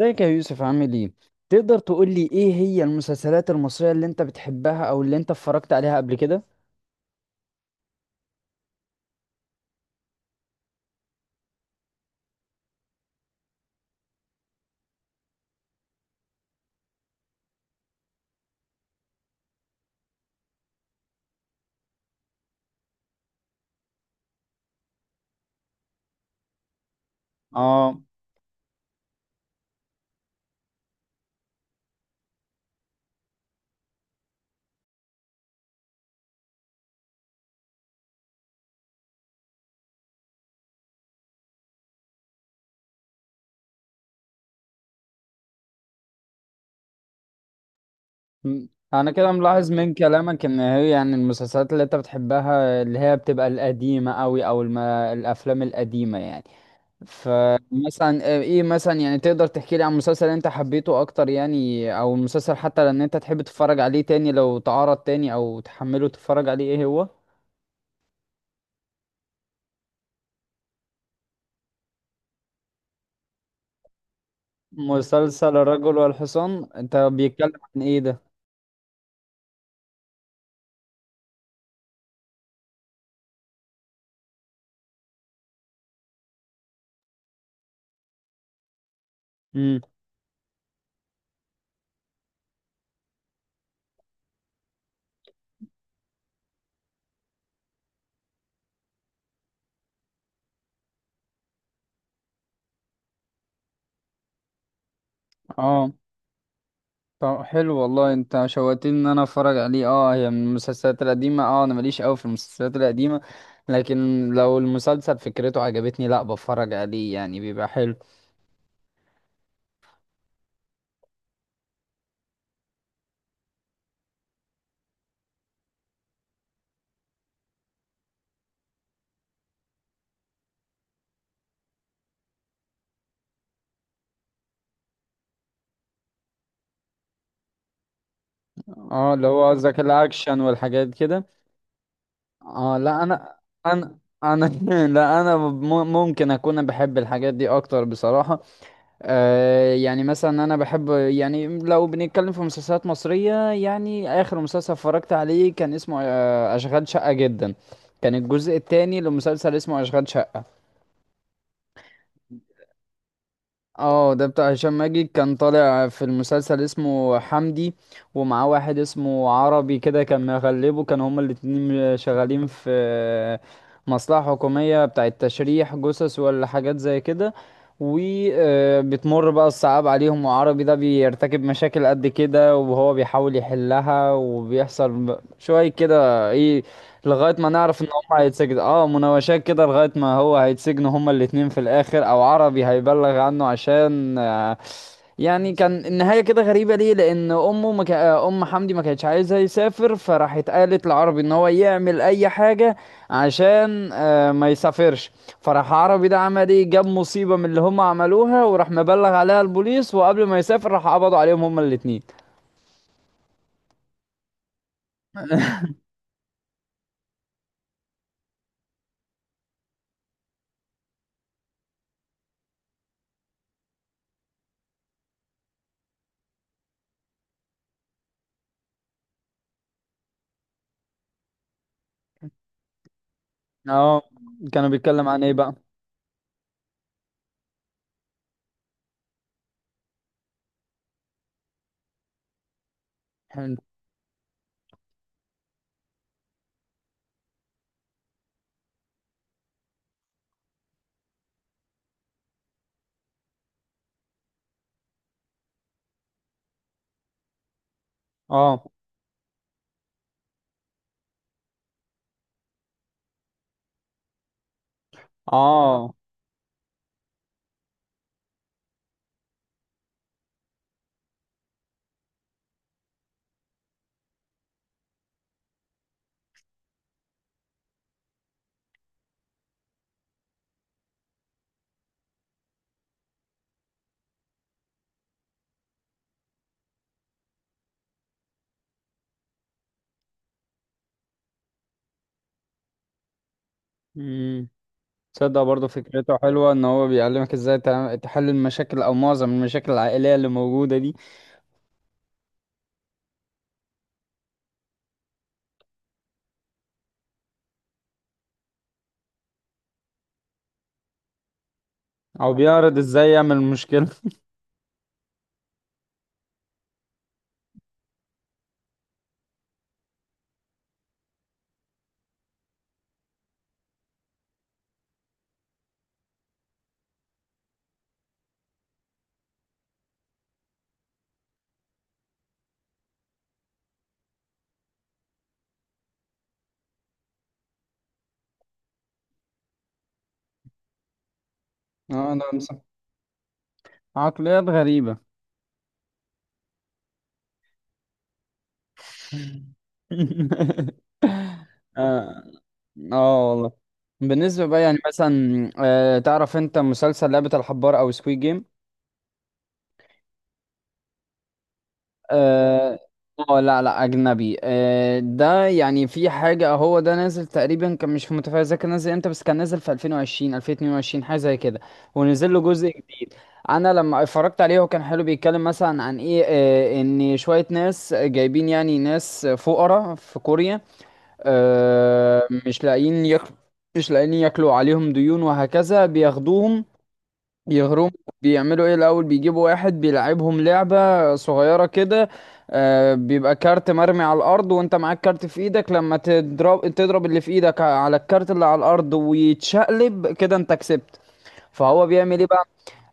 ازيك يا يوسف، عامل ايه؟ تقدر تقول لي ايه هي المسلسلات المصرية اللي انت بتحبها او اللي انت اتفرجت عليها قبل كده؟ اه. م- انا كده ملاحظ من كلامك ان هي يعني المسلسلات اللي انت بتحبها اللي هي بتبقى القديمة قوي او الافلام القديمة يعني. فمثلا ايه ايه مثلا يعني تقدر تحكي لي عن مسلسل انت حبيته اكتر يعني، او مسلسل حتى لان انت تحب تتفرج عليه تاني لو تعرض تاني او تحمله تتفرج عليه، ايه هو؟ مسلسل الرجل والحصان انت بيتكلم عن ايه ده؟ امم. اه. طب حلو والله، انت شوقتني ان انا اتفرج عليه. اه، هي من المسلسلات القديمه، اه انا ماليش قوي في المسلسلات القديمه، لكن لو المسلسل فكرته عجبتني لا بتفرج عليه يعني بيبقى حلو. اه اللي هو قصدك الاكشن والحاجات كده. اه لا، انا انا انا لا انا ممكن اكون بحب الحاجات دي اكتر بصراحه. يعني مثلا انا بحب يعني لو بنتكلم في مسلسلات مصرية، يعني اخر مسلسل اتفرجت عليه كان اسمه اشغال شقة جدا. كان الجزء الثاني لمسلسل اسمه اشغال شقة. اه ده بتاع هشام ماجد، كان طالع في المسلسل اسمه حمدي، ومعاه واحد اسمه عربي كده كان مغلبه، كانوا هما الاتنين شغالين في مصلحة حكومية بتاعة تشريح جثث ولا حاجات زي كده. وبتمر بقى الصعاب عليهم، وعربي ده بيرتكب مشاكل قد كده وهو بيحاول يحلها، وبيحصل شوية كده ايه لغاية ما نعرف هيتسجن. اه، مناوشات كده لغاية ما هو هيتسجنوا هما الاتنين في الآخر، أو عربي هيبلغ عنه عشان يعني كان النهاية كده غريبة ليه. لأن أمه ما كا... آه، أم حمدي ما كانتش عايزة يسافر، فراحت قالت لعربي إن هو يعمل أي حاجة عشان ما يسافرش. فراح عربي ده عمل إيه، جاب مصيبة من اللي هما عملوها، وراح مبلغ عليها البوليس، وقبل ما يسافر راح قبضوا عليهم هما الاتنين. اه. كانوا بيتكلم عن إيه بقى؟ حلو. اه. اه. مم. تصدق برضه فكرته حلوة ان هو بيعلمك ازاي تحل المشاكل او معظم المشاكل العائلية اللي موجودة دي. او بيعرض ازاي يعمل مشكلة. اه ده عقليات غريبة. اه. آه والله. بالنسبة بقى يعني مثلا، تعرف انت مسلسل لعبة الحبار او سكويد جيم؟ اه. لا لا، اجنبي. ده يعني في حاجه، هو ده نازل تقريبا، كان مش متفاجئ اذا كان نازل امتى، بس كان نازل في 2020 2022 حاجه زي كده، ونزل له جزء جديد. انا لما اتفرجت عليه هو كان حلو، بيتكلم مثلا عن ايه ان شويه ناس جايبين، يعني ناس فقراء في كوريا، مش لاقيين ياكلوا. مش لاقيين ياكلوا، عليهم ديون وهكذا، بياخدوهم يهربوا. بيعملوا ايه الاول، بيجيبوا واحد بيلعبهم لعبة صغيرة كده. بيبقى كارت مرمي على الارض وانت معاك كارت في ايدك، لما تضرب تضرب اللي في ايدك على الكارت اللي على الارض ويتشقلب كده انت كسبت. فهو بيعمل ايه،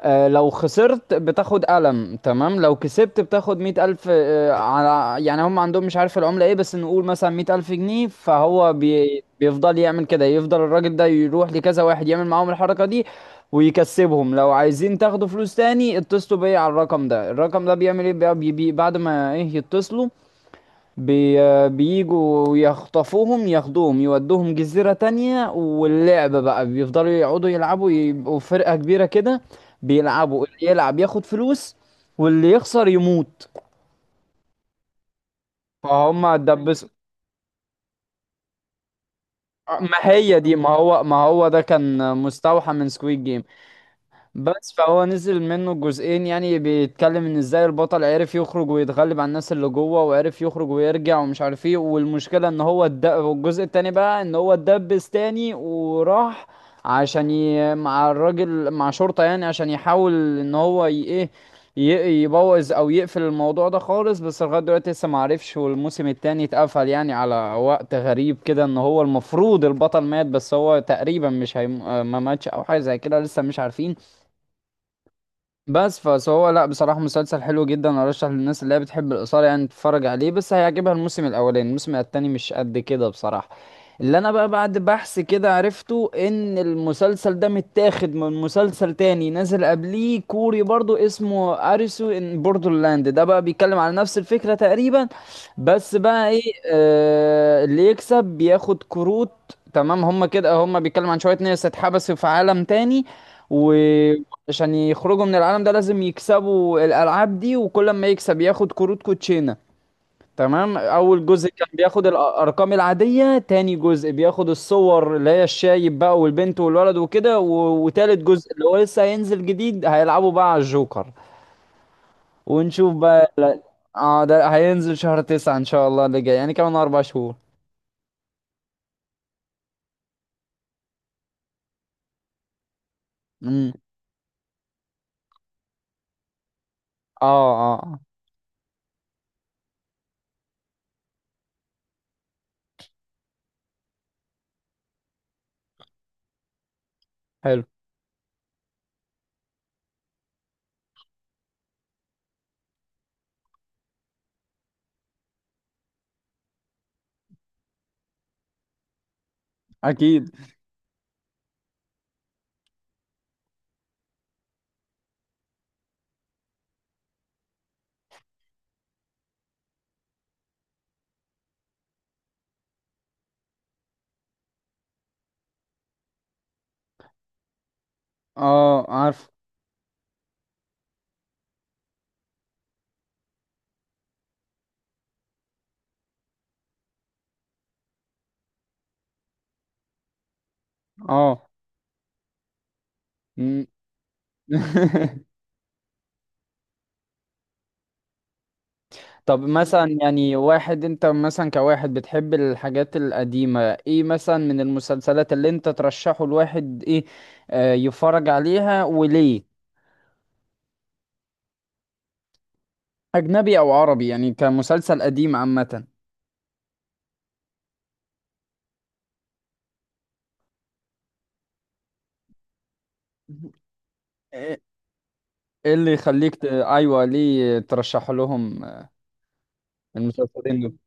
لو خسرت بتاخد قلم، تمام، لو كسبت بتاخد 100,000، على يعني هم عندهم مش عارف العملة ايه بس نقول مثلا 100,000 جنيه. فهو بيفضل يعمل كده، يفضل الراجل ده يروح لكذا واحد يعمل معاهم الحركة دي ويكسبهم. لو عايزين تاخدوا فلوس تاني اتصلوا بيا على الرقم ده. الرقم ده بيعمل ايه بقى، بعد ما ايه يتصلوا بي بيجوا يخطفوهم، ياخدوهم يودوهم جزيرة تانية، واللعبة بقى بيفضلوا يقعدوا يلعبوا، يبقوا فرقة كبيرة كده بيلعبوا، اللي يلعب ياخد فلوس واللي يخسر يموت. فهم دبسوا. ما هي دي، ما هو ما هو ده كان مستوحى من سكويد جيم. بس فهو نزل منه جزئين، يعني بيتكلم ان ازاي البطل عرف يخرج ويتغلب على الناس اللي جوه، وعرف يخرج ويرجع ومش عارف ايه. والمشكلة ان هو والجزء التاني بقى ان هو اتدبس تاني، وراح عشان مع الراجل، مع شرطة يعني، عشان يحاول ان هو ايه يبوظ او يقفل الموضوع ده خالص. بس لغاية دلوقتي لسه معرفش. والموسم التاني اتقفل يعني على وقت غريب كده، ان هو المفروض البطل مات، بس هو تقريبا مش ما ماتش او حاجة زي كده، لسه مش عارفين. بس فهو، لا بصراحة مسلسل حلو جدا، ارشح للناس اللي هي بتحب الإثارة يعني تتفرج عليه، بس هيعجبها الموسم الأولاني، الموسم التاني مش قد كده بصراحة. اللي انا بقى بعد بحث كده عرفته ان المسلسل ده متاخد من مسلسل تاني نازل قبليه كوري برضو، اسمه اريسو ان بوردرلاند. ده بقى بيتكلم على نفس الفكرة تقريبا، بس بقى ايه اللي يكسب بياخد كروت. تمام، هما كده هما بيتكلم عن شوية ناس اتحبسوا في عالم تاني، و... عشان يخرجوا من العالم ده لازم يكسبوا الألعاب دي، وكل ما يكسب ياخد كروت كوتشينة. تمام، أول جزء كان بياخد الأرقام العادية، تاني جزء بياخد الصور اللي هي الشايب بقى والبنت والولد وكده، وتالت جزء اللي هو لسه هينزل جديد هيلعبوا بقى على الجوكر. ونشوف بقى اه ده هينزل شهر 9 إن شاء الله اللي جاي، يعني كمان 4 شهور. امم. اه. اه. حلو. أكيد. اه عارف. اه. مم. طب مثلا يعني واحد انت مثلا كواحد بتحب الحاجات القديمة، ايه مثلا من المسلسلات اللي انت ترشحه الواحد ايه يفرج عليها وليه؟ اجنبي او عربي يعني، كمسلسل قديم عامة. مهم. ايه، إيه اللي يخليك ايوه ليه ترشح لهم المسلسلين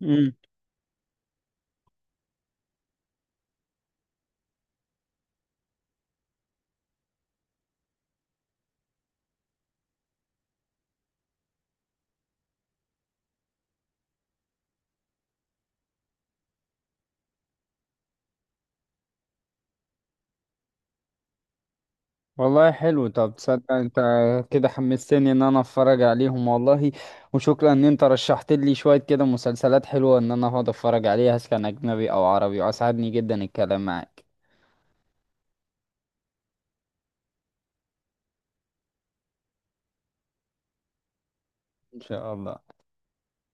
دول؟ والله حلو، طب تصدق انت كده حمستني ان انا اتفرج عليهم والله. وشكرا ان انت رشحت لي شوية كده مسلسلات حلوة ان انا اقعد اتفرج عليها سواء كان اجنبي او عربي، واسعدني جدا الكلام معاك. ان شاء الله.